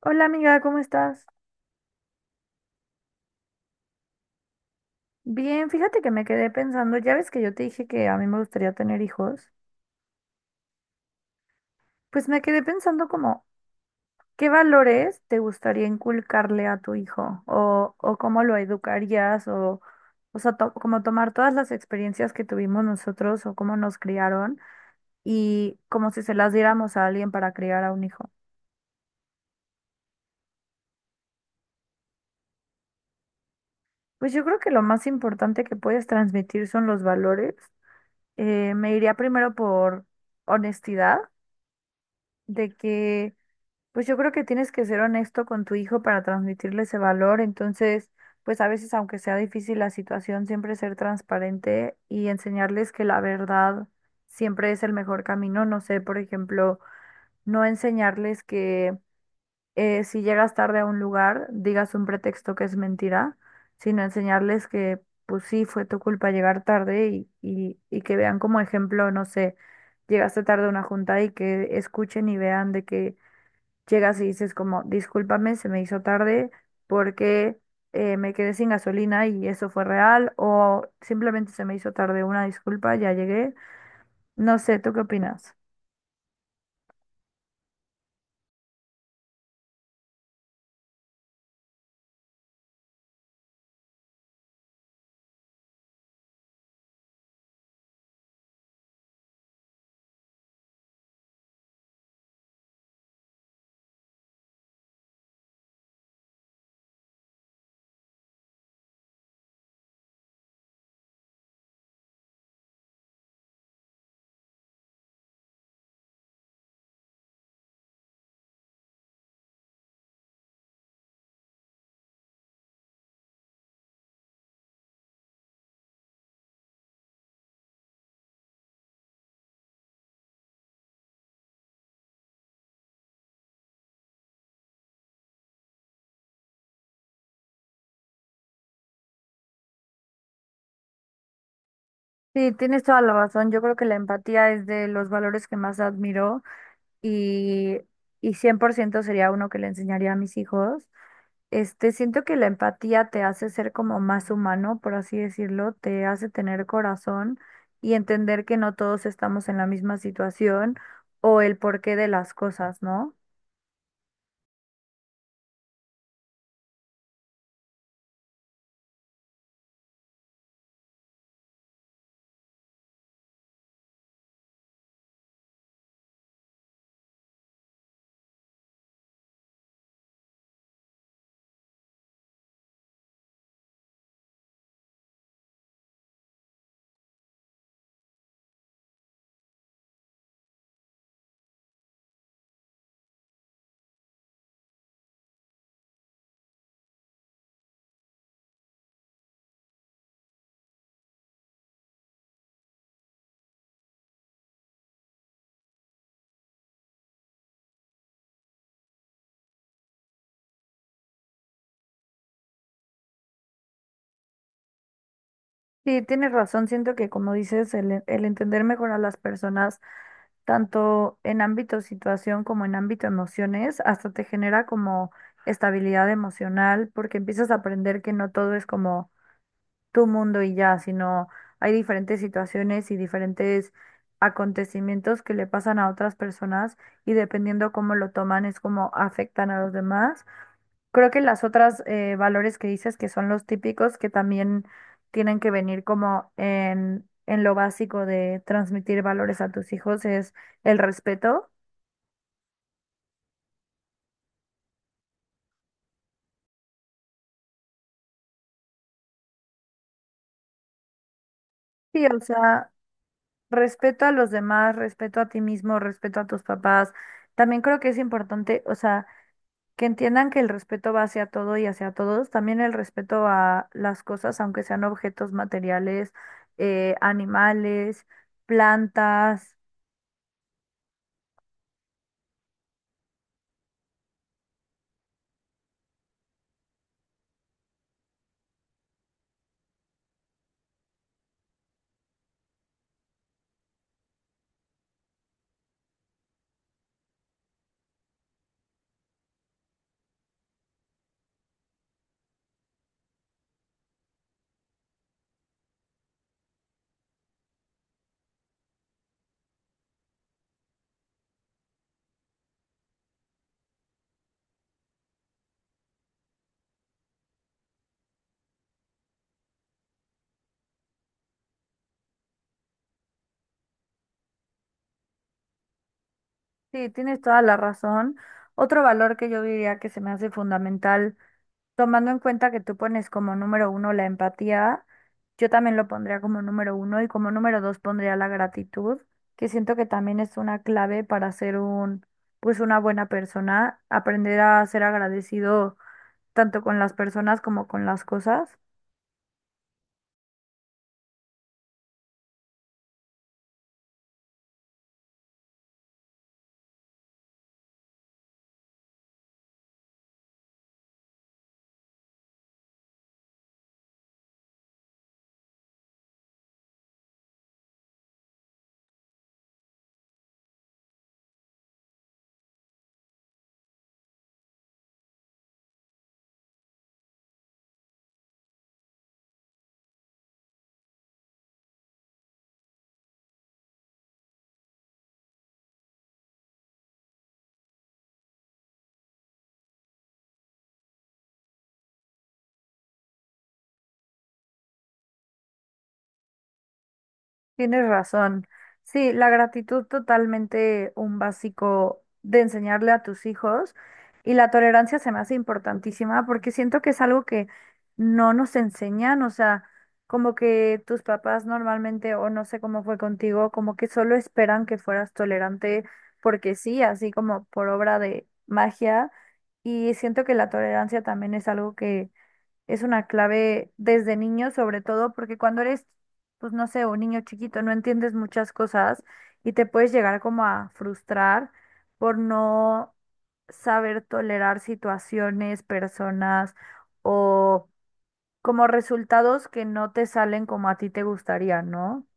Hola amiga, ¿cómo estás? Bien, fíjate que me quedé pensando, ya ves que yo te dije que a mí me gustaría tener hijos, pues me quedé pensando como, ¿qué valores te gustaría inculcarle a tu hijo? O cómo lo educarías, o sea, como tomar todas las experiencias que tuvimos nosotros o cómo nos criaron y como si se las diéramos a alguien para criar a un hijo. Pues yo creo que lo más importante que puedes transmitir son los valores. Me iría primero por honestidad, de que pues yo creo que tienes que ser honesto con tu hijo para transmitirle ese valor. Entonces, pues a veces, aunque sea difícil la situación, siempre ser transparente y enseñarles que la verdad siempre es el mejor camino. No sé, por ejemplo, no enseñarles que si llegas tarde a un lugar, digas un pretexto que es mentira, sino enseñarles que, pues sí, fue tu culpa llegar tarde y que vean como ejemplo, no sé, llegaste tarde a una junta y que escuchen y vean de que llegas y dices como, discúlpame, se me hizo tarde porque me quedé sin gasolina y eso fue real, o simplemente se me hizo tarde, una disculpa, ya llegué. No sé, ¿tú qué opinas? Sí, tienes toda la razón. Yo creo que la empatía es de los valores que más admiro y, y 100% sería uno que le enseñaría a mis hijos. Este, siento que la empatía te hace ser como más humano, por así decirlo, te hace tener corazón y entender que no todos estamos en la misma situación o el porqué de las cosas, ¿no? Sí, tienes razón, siento que como dices, el entender mejor a las personas, tanto en ámbito situación como en ámbito emociones, hasta te genera como estabilidad emocional, porque empiezas a aprender que no todo es como tu mundo y ya, sino hay diferentes situaciones y diferentes acontecimientos que le pasan a otras personas y dependiendo cómo lo toman es como afectan a los demás. Creo que las otras valores que dices que son los típicos que también tienen que venir como en lo básico de transmitir valores a tus hijos es el respeto. Sí, o sea, respeto a los demás, respeto a ti mismo, respeto a tus papás. También creo que es importante, o sea, que entiendan que el respeto va hacia todo y hacia todos, también el respeto a las cosas, aunque sean objetos materiales, animales, plantas. Sí, tienes toda la razón. Otro valor que yo diría que se me hace fundamental, tomando en cuenta que tú pones como número uno la empatía, yo también lo pondría como número uno y como número dos pondría la gratitud, que siento que también es una clave para ser un, pues una buena persona, aprender a ser agradecido tanto con las personas como con las cosas. Tienes razón. Sí, la gratitud totalmente un básico de enseñarle a tus hijos y la tolerancia se me hace importantísima porque siento que es algo que no nos enseñan, o sea, como que tus papás normalmente, o no sé cómo fue contigo, como que solo esperan que fueras tolerante porque sí, así como por obra de magia. Y siento que la tolerancia también es algo que es una clave desde niño, sobre todo porque cuando eres, pues no sé, un niño chiquito, no entiendes muchas cosas y te puedes llegar como a frustrar por no saber tolerar situaciones, personas o como resultados que no te salen como a ti te gustaría, ¿no?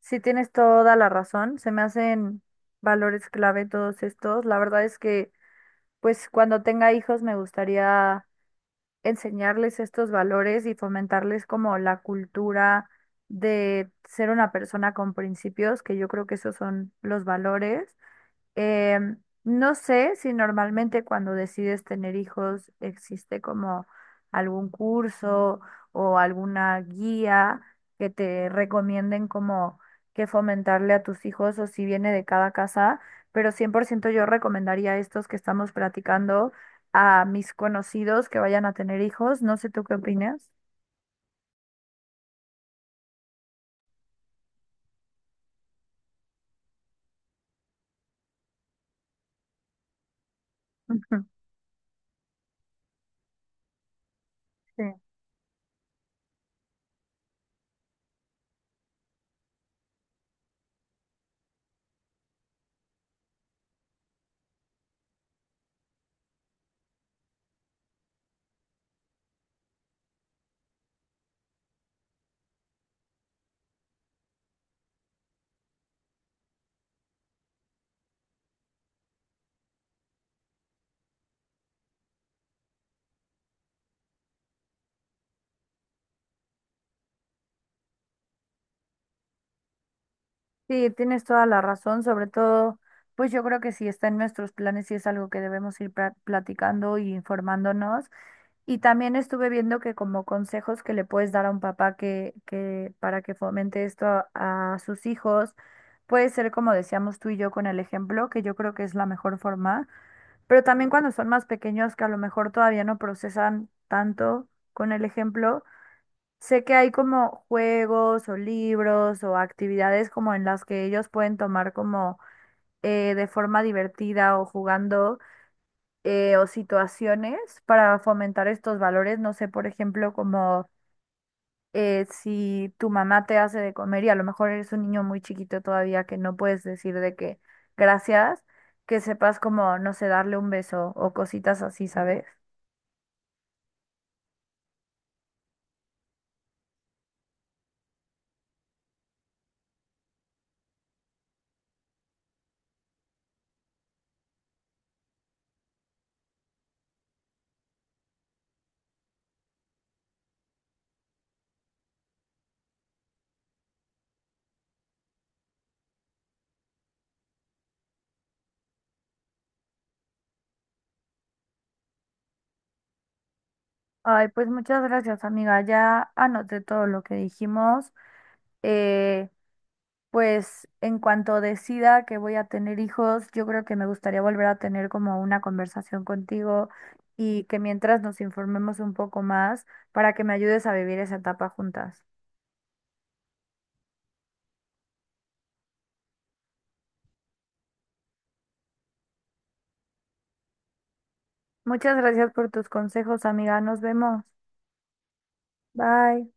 Sí, tienes toda la razón, se me hacen valores clave todos estos. La verdad es que, pues cuando tenga hijos me gustaría enseñarles estos valores y fomentarles como la cultura de ser una persona con principios, que yo creo que esos son los valores. Em, no sé si normalmente cuando decides tener hijos existe como algún curso o alguna guía que te recomienden como que fomentarle a tus hijos o si viene de cada casa, pero 100% yo recomendaría estos que estamos platicando a mis conocidos que vayan a tener hijos. No sé tú qué opinas. Sí. Sí, tienes toda la razón, sobre todo, pues yo creo que sí está en nuestros planes y es algo que debemos ir platicando y informándonos. Y también estuve viendo que como consejos que le puedes dar a un papá que para que fomente esto a sus hijos, puede ser como decíamos tú y yo con el ejemplo, que yo creo que es la mejor forma, pero también cuando son más pequeños que a lo mejor todavía no procesan tanto con el ejemplo. Sé que hay como juegos o libros o actividades como en las que ellos pueden tomar como de forma divertida o jugando, o situaciones para fomentar estos valores. No sé, por ejemplo, como si tu mamá te hace de comer y a lo mejor eres un niño muy chiquito todavía que no puedes decir de que gracias, que sepas como, no sé, darle un beso o cositas así, ¿sabes? Ay, pues muchas gracias, amiga. Ya anoté todo lo que dijimos. Eh, Pues en cuanto decida que voy a tener hijos, yo creo que me gustaría volver a tener como una conversación contigo y que mientras nos informemos un poco más para que me ayudes a vivir esa etapa juntas. Muchas gracias por tus consejos, amiga. Nos vemos. Bye.